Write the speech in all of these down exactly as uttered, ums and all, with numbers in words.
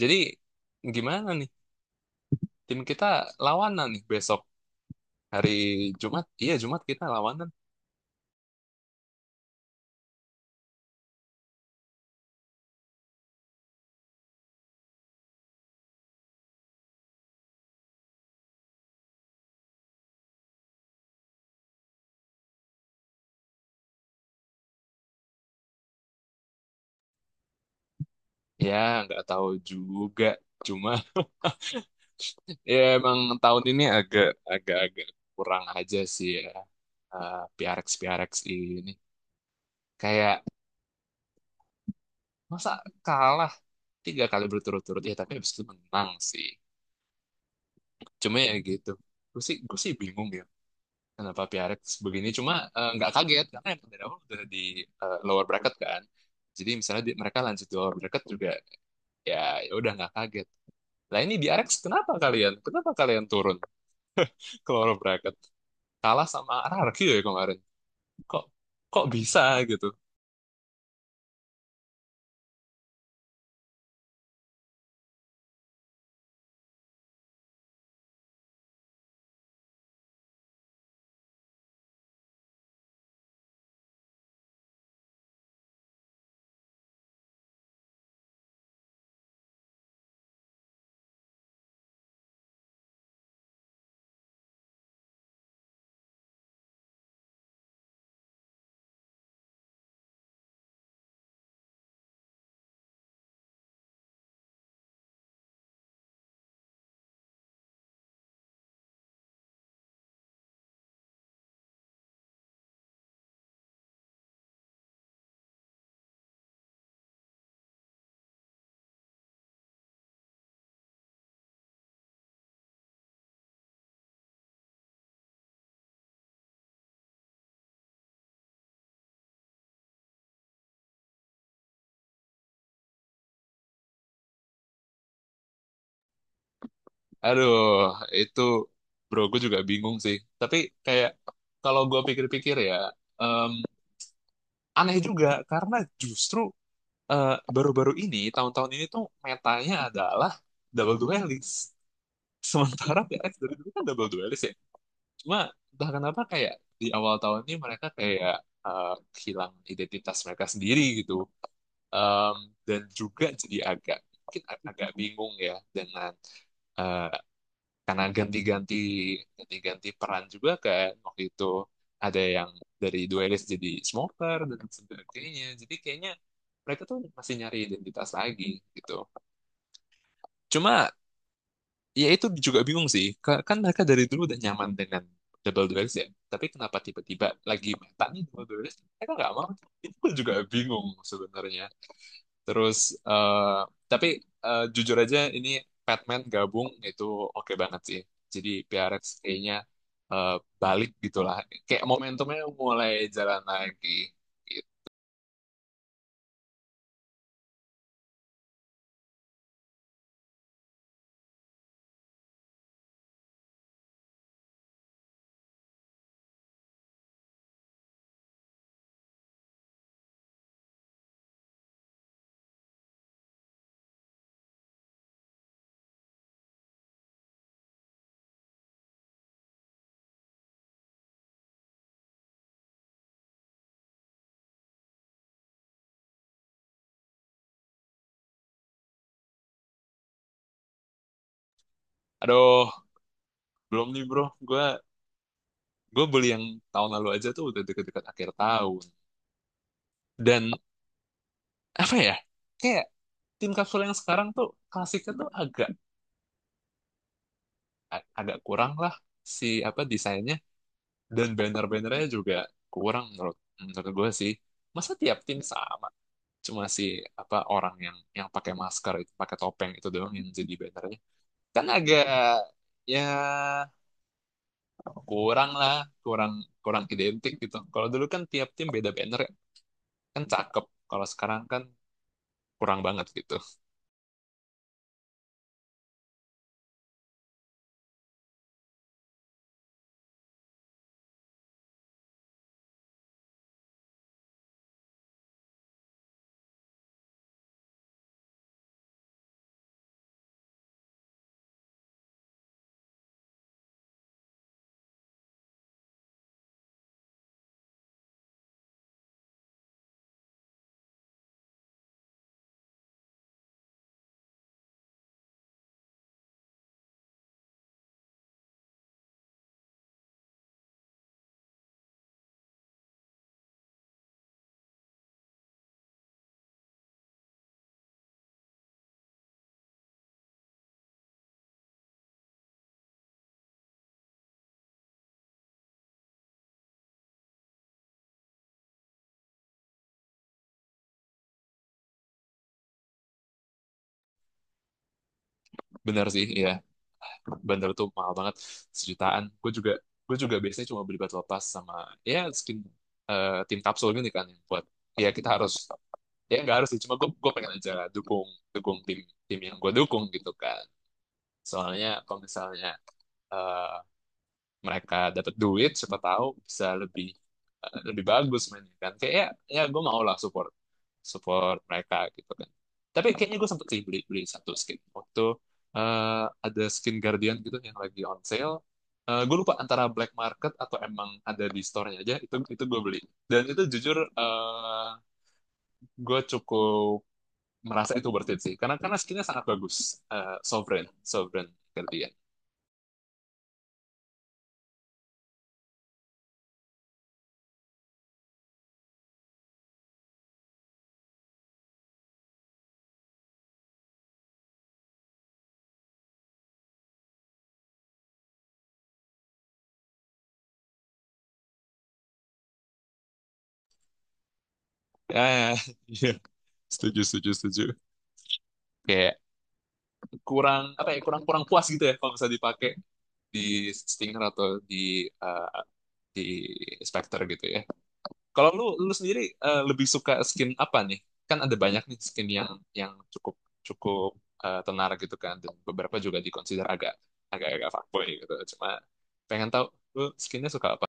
Jadi gimana nih? Tim kita lawanan nih besok hari Jumat. Iya Jumat kita lawanan. Ya nggak tahu juga. Cuma ya emang tahun ini agak agak agak kurang aja sih ya. Eh P R X P R X ini kayak masa kalah tiga kali berturut-turut ya tapi habis itu menang sih. Cuma ya gitu. Gue sih gue sih bingung ya, kenapa Piarek begini. Cuma eh, nggak kaget karena yang dari awal udah di eh, lower bracket kan, jadi misalnya di- mereka lanjut di lower bracket juga ya, ya udah nggak kaget lah. Ini di Arex, kenapa kalian kenapa kalian turun ke lower bracket, kalah sama R R Q ya kemarin, kok kok bisa gitu. Aduh, itu bro, gue juga bingung sih, tapi kayak kalau gue pikir-pikir ya, em, aneh juga karena justru eh, baru-baru ini, tahun-tahun ini tuh metanya adalah double duelist. Sementara P X dari dulu kan double duelist ya. Cuma entah kenapa kayak di awal tahun ini mereka kayak eh, hilang identitas mereka sendiri gitu. Em, dan juga jadi agak mungkin ag- agak bingung ya dengan eh, karena ganti-ganti ganti-ganti peran juga kan waktu itu, ada yang dari duelist jadi smoker dan sebagainya. Jadi kayaknya mereka tuh masih nyari identitas lagi gitu. Cuma ya, itu juga bingung sih. Ka- Kan mereka dari dulu udah nyaman dengan double duelist ya. Tapi kenapa tiba-tiba lagi meta nih double duelist? Mereka nggak mau. Itu pun juga bingung sebenarnya. Terus, eh tapi eh, jujur aja, ini Batman gabung itu oke banget sih. Jadi P R X kayaknya eh, balik gitulah. Kayak momentumnya mulai jalan lagi. Gitu. Aduh, belum nih bro. Gue gue beli yang tahun lalu aja tuh udah deket-deket akhir tahun. Dan apa ya? Kayak tim kapsul yang sekarang tuh klasiknya tuh agak a- agak kurang lah, si apa, desainnya dan banner-bannernya juga kurang, menurut menurut gue sih. Masa tiap tim sama, cuma si apa, orang yang yang pakai masker itu, pakai topeng itu doang yang jadi bannernya. Kan agak, ya, kurang lah, kurang kurang identik gitu. Kalau dulu kan tiap tim beda banner ya, kan cakep. Kalau sekarang kan kurang banget gitu. Benar sih ya, bandar tuh mahal banget, sejutaan. Gue juga gue juga biasanya cuma beli batu lepas sama ya skin, eh, tim kapsul gini kan, yang buat, ya kita harus, ya nggak harus sih, cuma gue gue pengen aja dukung dukung tim tim yang gue dukung gitu kan. Soalnya kalau misalnya eh, mereka dapat duit, siapa tahu bisa lebih eh, lebih bagus mainnya kan, kayak ya, ya gue mau lah support support mereka gitu kan. Tapi kayaknya gue sempet sih beli beli satu skin waktu eh, ada skin Guardian gitu yang lagi on sale. Eh, gue lupa antara black market atau emang ada di store-nya aja, itu itu gue beli. Dan itu jujur eh, gue cukup merasa itu worth it sih, karena karena skinnya sangat bagus. Eh, Sovereign Sovereign Guardian. Ya, ya, iya. Setuju, setuju, setuju. Oke, kurang apa ya, kurang kurang puas gitu ya kalau misalnya dipakai di Stinger atau di eh, di Spectre gitu ya. Kalau lu lu sendiri eh, lebih suka skin apa nih? Kan ada banyak nih skin yang yang cukup cukup eh, tenar gitu kan, dan beberapa juga dikonsider agak agak agak fuckboy gitu. Cuma pengen tahu lu skinnya suka apa?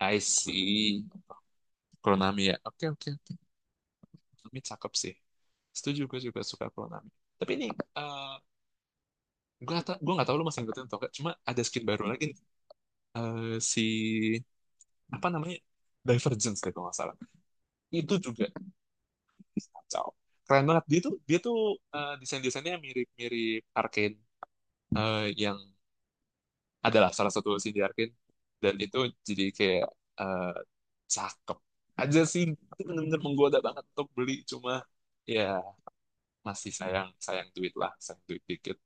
I see. Kuronami ya. Oke oke. Kuronami cakep sih. Setuju, gue juga suka Kuronami. Tapi ini eh, gue gak tau, gue gak tau lu masih ngikutin atau gak, cuma ada skin baru lagi eh, si apa namanya, Divergence deh kalau nggak salah. Itu juga kacau, keren banget. Dia tuh dia tuh eh, desain-desainnya mirip-mirip Arkane, eh, yang adalah salah satu scene di Arkane, dan itu jadi kayak eh, cakep aja sih. Itu bener-bener menggoda banget untuk beli, cuma ya masih sayang sayang duit lah, sayang duit dikit.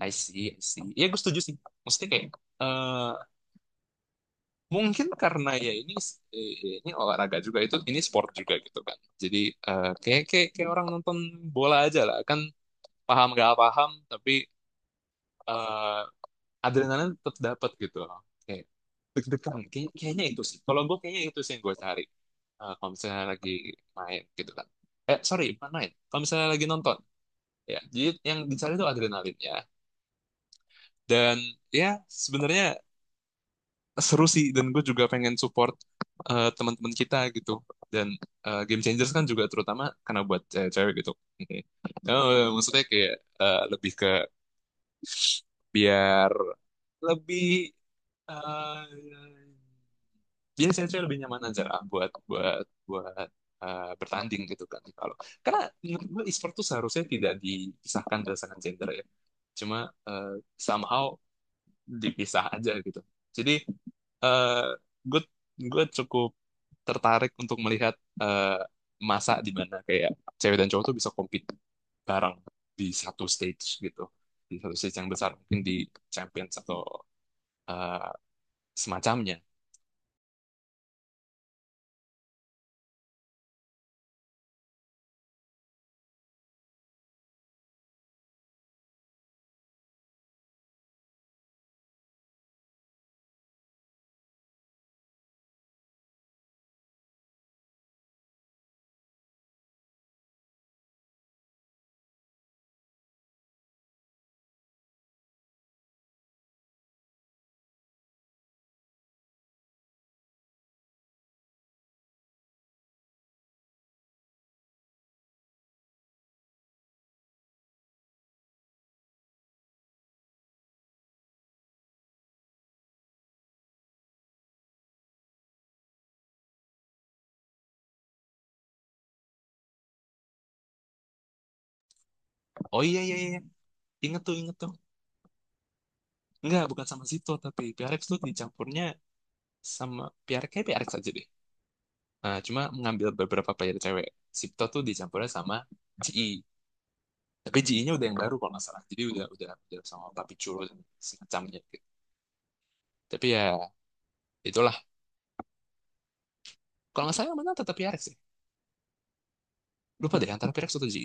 I see, I see, ya gue setuju sih. Maksudnya kayak eh, mungkin karena ya ini ini olahraga juga, itu, ini sport juga gitu kan. Jadi eh, kayak, kayak kayak orang nonton bola aja lah kan, paham gak paham, tapi eh, adrenalin tetap dapat gitu loh. Kayak deg-degan. Kayak- kayaknya itu sih. Kalau gue kayaknya itu sih yang gue cari. Eh, kalau misalnya lagi main gitu kan. Eh, sorry, bukan main, kalau misalnya lagi nonton ya. Jadi yang dicari itu adrenalinnya. Dan ya sebenarnya seru sih, dan gue juga pengen support eh, teman-teman kita gitu. Dan eh, Game Changers kan juga terutama karena buat eh, cewek gitu. Oke. Eh, Maksudnya kayak eh, lebih ke biar lebih eh biar cewek-cewek lebih nyaman aja lah buat buat buat eh, bertanding gitu kan. Kalau, karena menurut gue e-sport tuh seharusnya tidak dipisahkan berdasarkan gender ya. Cuma eh, somehow dipisah aja gitu. Jadi eh gue gue cukup tertarik untuk melihat eh, masa di mana kayak cewek dan cowok tuh bisa compete bareng di satu stage gitu, di satu stage yang besar, mungkin di Champions atau eh, semacamnya. Oh iya, iya, iya, inget tuh, inget tuh. Enggak, bukan sama Zito, tapi P R X tuh dicampurnya sama P R X, kayak P R X aja deh. Eh, cuma mengambil beberapa player cewek. Zito tuh dicampurnya sama G I, tapi G I-nya udah yang baru kalau nggak salah, jadi udah udah udah sama Papi Churro dan semacamnya gitu. Tapi ya itulah, kalau nggak salah yang menang tetap P R X sih. Lupa deh antara P R X atau G. I.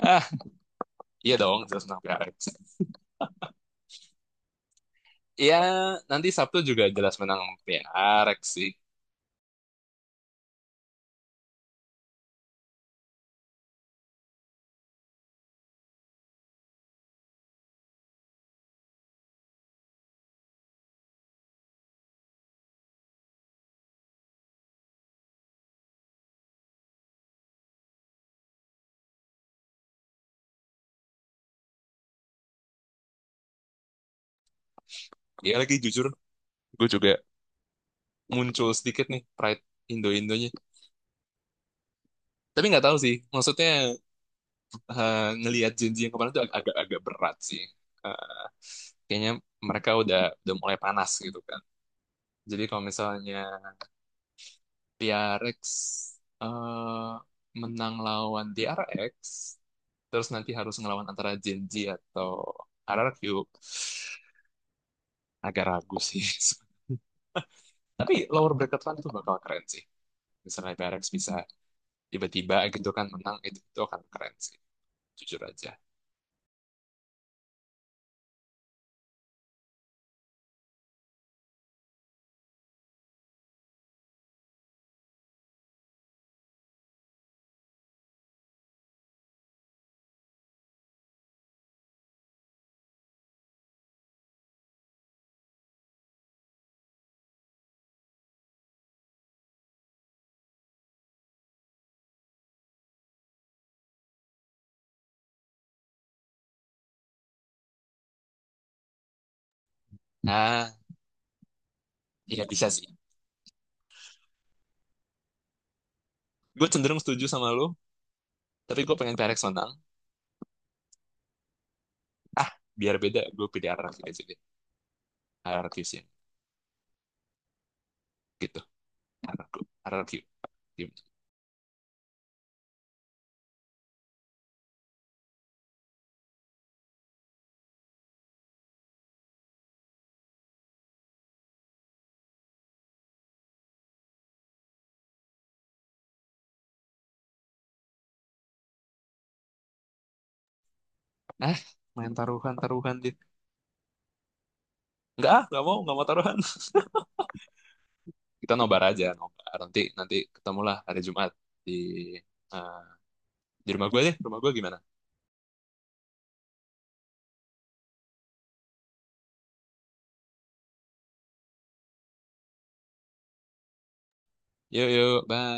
Ah, iya dong, jelas menang P R X. Iya, nanti Sabtu juga jelas menang P R X sih. Iya lagi jujur, gue juga muncul sedikit nih pride Indo-Indonya. Tapi nggak tahu sih, maksudnya eh, ngelihat janji yang kemarin itu agak-agak berat sih. Eh, Kayaknya mereka udah udah mulai panas gitu kan. Jadi kalau misalnya P R X eh, menang lawan D R X, terus nanti harus ngelawan antara Gen Z atau R R Q, agak ragu sih. Tapi lower bracket run itu bakal keren sih. Misalnya P R X bisa tiba-tiba gitu kan menang, itu, itu akan keren sih. Jujur aja. Nah, iya bisa sih. Gue cenderung setuju sama lo, tapi gue pengen P R X menang. Biar beda, gue pilih R R Q aja deh. RRQ sih. Gitu. RRQ. R R Q. Gimana? Ah, main taruhan-taruhan deh. Enggak, ah, enggak mau, enggak mau taruhan. Kita nobar aja, nobar. Nanti, nanti ketemulah hari Jumat di eh, di rumah gue deh. Rumah gue gimana? Yuk, yuk, bye.